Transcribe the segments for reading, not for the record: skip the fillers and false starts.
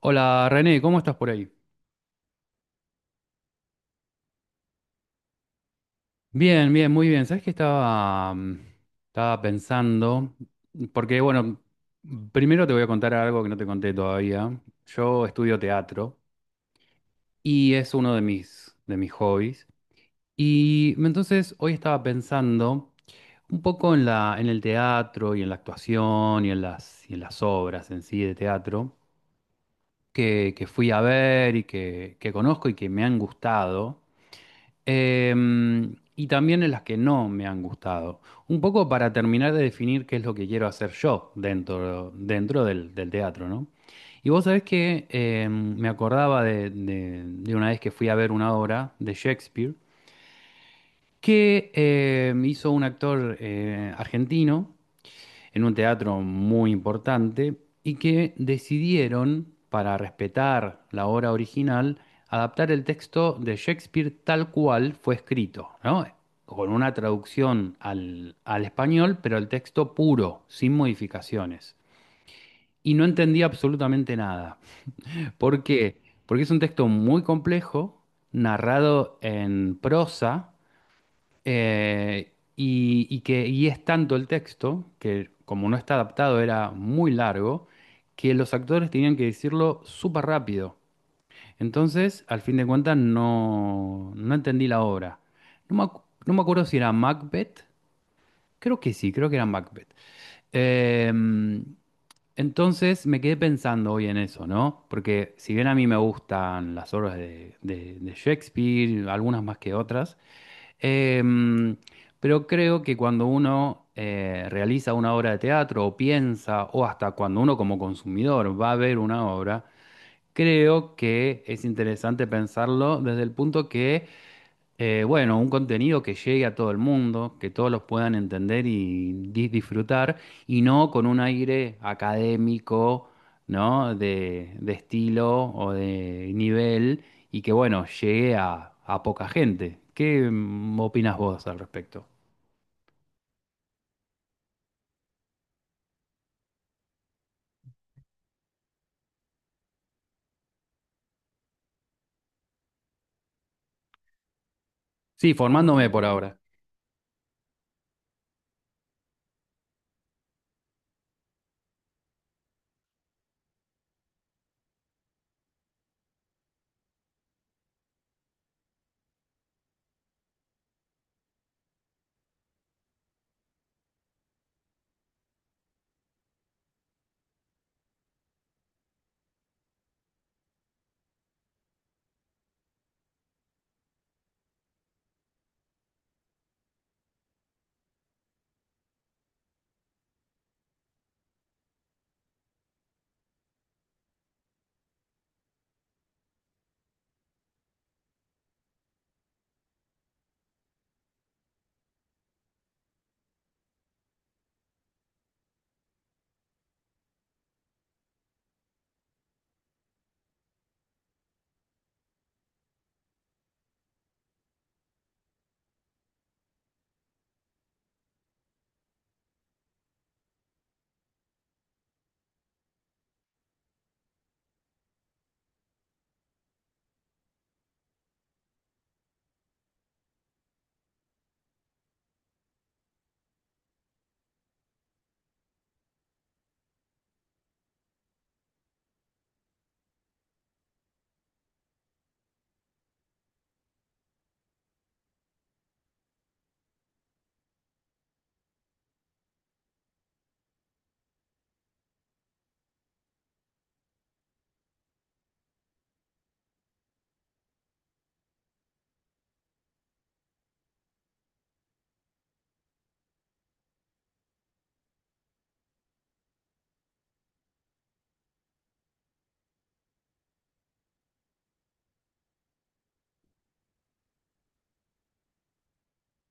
Hola René, ¿cómo estás por ahí? Bien, bien, muy bien. ¿Sabes qué estaba pensando? Porque, bueno, primero te voy a contar algo que no te conté todavía. Yo estudio teatro y es uno de mis hobbies. Y entonces hoy estaba pensando un poco en el teatro y en la actuación y en las obras en sí de teatro que fui a ver y que conozco y que me han gustado. Y también en las que no me han gustado. Un poco para terminar de definir qué es lo que quiero hacer yo dentro del teatro, ¿no? Y vos sabés que me acordaba de una vez que fui a ver una obra de Shakespeare que hizo un actor argentino en un teatro muy importante y que decidieron, para respetar la obra original, adaptar el texto de Shakespeare tal cual fue escrito, ¿no? Con una traducción al español, pero el texto puro, sin modificaciones. Y no entendí absolutamente nada. ¿Por qué? Porque es un texto muy complejo, narrado en prosa, y es tanto el texto, que como no está adaptado era muy largo, que los actores tenían que decirlo súper rápido. Entonces, al fin de cuentas, no entendí la obra. No me acuerdo si era Macbeth. Creo que sí, creo que era Macbeth. Em, entonces me quedé pensando hoy en eso, ¿no? Porque si bien a mí me gustan las obras de Shakespeare, algunas más que otras. Em, pero creo que cuando uno realiza una obra de teatro o piensa, o hasta cuando uno como consumidor va a ver una obra, creo que es interesante pensarlo desde el punto que bueno, un contenido que llegue a todo el mundo, que todos los puedan entender y disfrutar, y no con un aire académico, ¿no? De estilo o de nivel, y que, bueno, llegue a poca gente. ¿Qué opinas vos al respecto? Sí, formándome por ahora.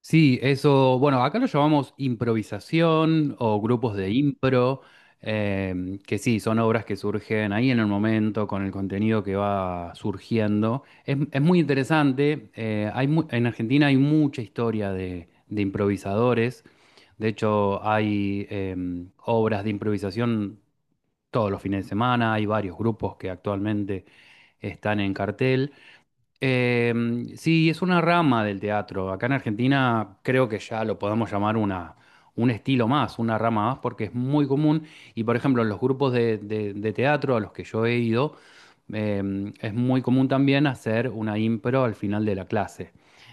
Sí, eso, bueno, acá lo llamamos improvisación o grupos de impro, que sí, son obras que surgen ahí en el momento con el contenido que va surgiendo. Es muy interesante. En Argentina hay mucha historia de improvisadores, de hecho hay obras de improvisación todos los fines de semana, hay varios grupos que actualmente están en cartel. Sí, es una rama del teatro. Acá en Argentina creo que ya lo podemos llamar un estilo más, una rama más, porque es muy común. Y por ejemplo, en los grupos de teatro a los que yo he ido, es muy común también hacer una impro al final de la clase.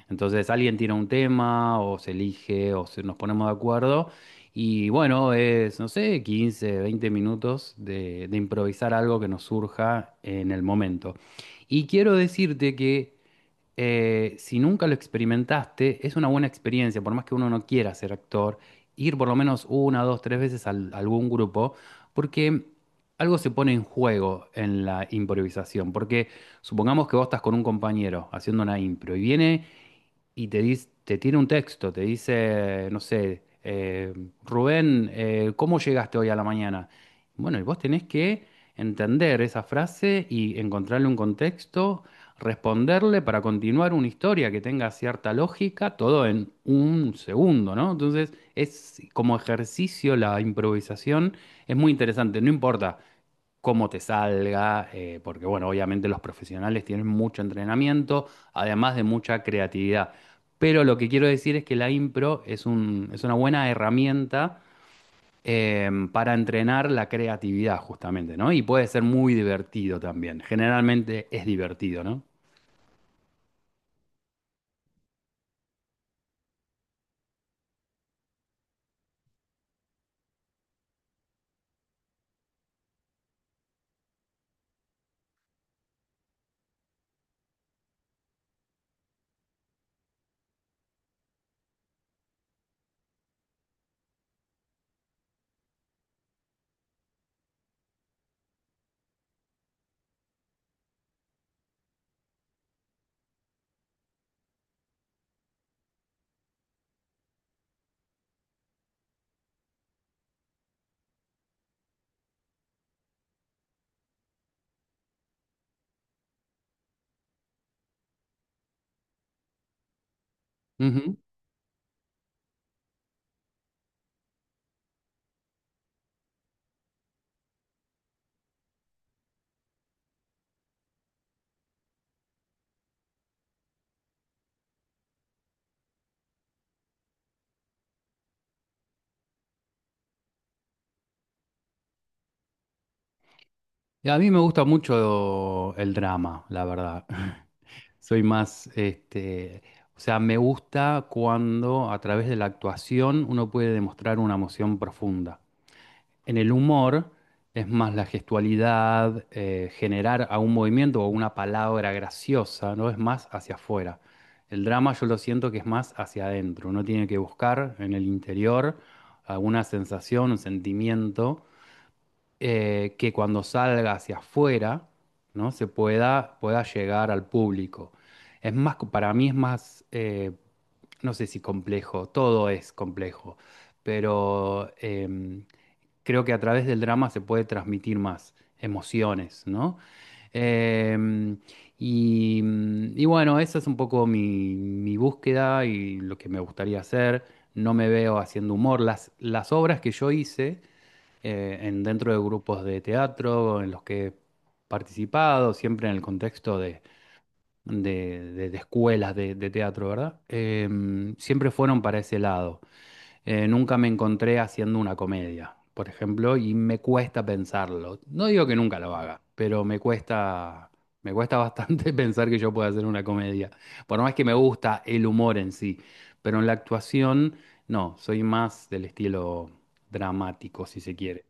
Entonces alguien tira un tema o se elige o nos ponemos de acuerdo. Y bueno, es, no sé, 15, 20 minutos de improvisar algo que nos surja en el momento. Y quiero decirte que si nunca lo experimentaste, es una buena experiencia, por más que uno no quiera ser actor, ir por lo menos una, dos, tres veces a algún grupo, porque algo se pone en juego en la improvisación, porque supongamos que vos estás con un compañero haciendo una impro y viene y te dice, te tiene un texto, te dice, no sé, Rubén, ¿cómo llegaste hoy a la mañana? Bueno, y vos tenés que entender esa frase y encontrarle un contexto, responderle para continuar una historia que tenga cierta lógica, todo en un segundo, ¿no? Entonces, es como ejercicio la improvisación, es muy interesante, no importa cómo te salga, porque bueno, obviamente los profesionales tienen mucho entrenamiento, además de mucha creatividad. Pero lo que quiero decir es que la impro es un, es una buena herramienta para entrenar la creatividad justamente, ¿no? Y puede ser muy divertido también. Generalmente es divertido, ¿no? Ujú. Y a mí me gusta mucho el drama, la verdad. Soy más, este, o sea, me gusta cuando a través de la actuación uno puede demostrar una emoción profunda. En el humor es más la gestualidad, generar a un movimiento o una palabra graciosa, ¿no? Es más hacia afuera. El drama yo lo siento que es más hacia adentro. Uno tiene que buscar en el interior alguna sensación, un sentimiento que cuando salga hacia afuera, ¿no? Pueda llegar al público. Es más, para mí es más, no sé si complejo, todo es complejo, pero creo que a través del drama se puede transmitir más emociones, ¿no? Em, y, y bueno, esa es un poco mi búsqueda y lo que me gustaría hacer. No me veo haciendo humor. Las obras que yo hice dentro de grupos de teatro en los que he participado, siempre en el contexto de escuelas de teatro, ¿verdad? Siempre fueron para ese lado. Nunca me encontré haciendo una comedia, por ejemplo, y me cuesta pensarlo. No digo que nunca lo haga, pero me cuesta bastante pensar que yo pueda hacer una comedia. Por más que me gusta el humor en sí, pero en la actuación, no, soy más del estilo dramático, si se quiere.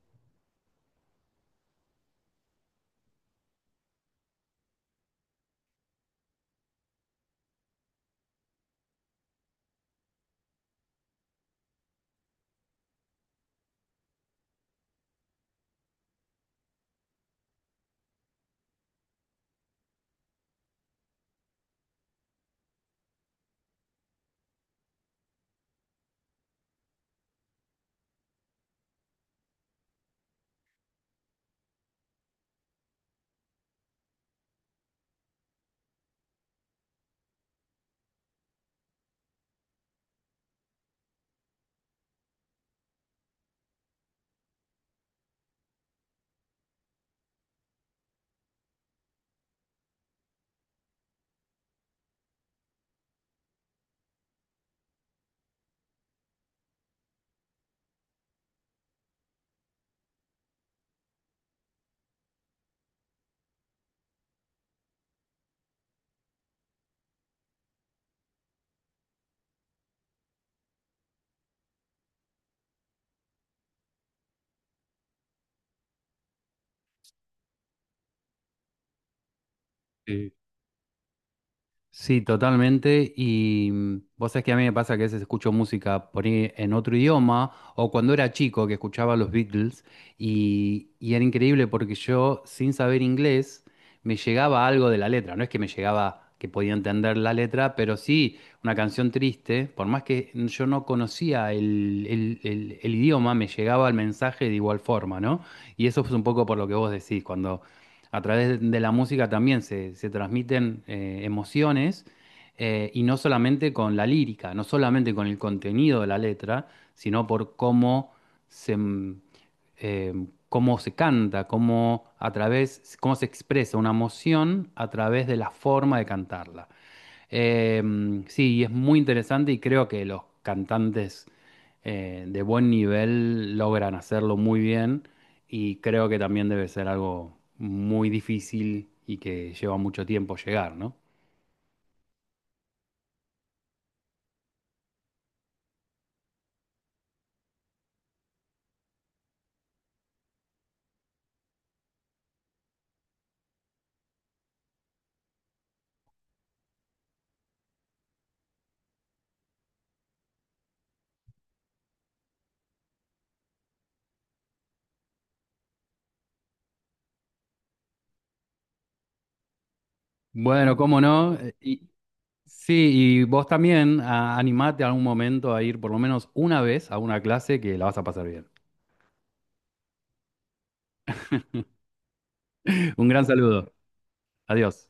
Sí. Sí, totalmente. Y vos sabés que a mí me pasa que a veces escucho música por ahí en otro idioma o cuando era chico que escuchaba los Beatles y era increíble porque yo sin saber inglés me llegaba algo de la letra. No es que me llegaba que podía entender la letra, pero sí una canción triste, por más que yo no conocía el idioma, me llegaba el mensaje de igual forma, ¿no? Y eso es un poco por lo que vos decís, cuando a través de la música también se transmiten emociones y no solamente con la lírica, no solamente con el contenido de la letra, sino por cómo se, mm, eh, cómo se canta, cómo se expresa una emoción a través de la forma de cantarla. Eh, sí, y es muy interesante y creo que los cantantes de buen nivel logran hacerlo muy bien y creo que también debe ser algo muy difícil y que lleva mucho tiempo llegar, ¿no? Bueno, cómo no. Y sí, vos también animate algún momento a ir por lo menos una vez a una clase que la vas a pasar bien. Un gran saludo. Adiós.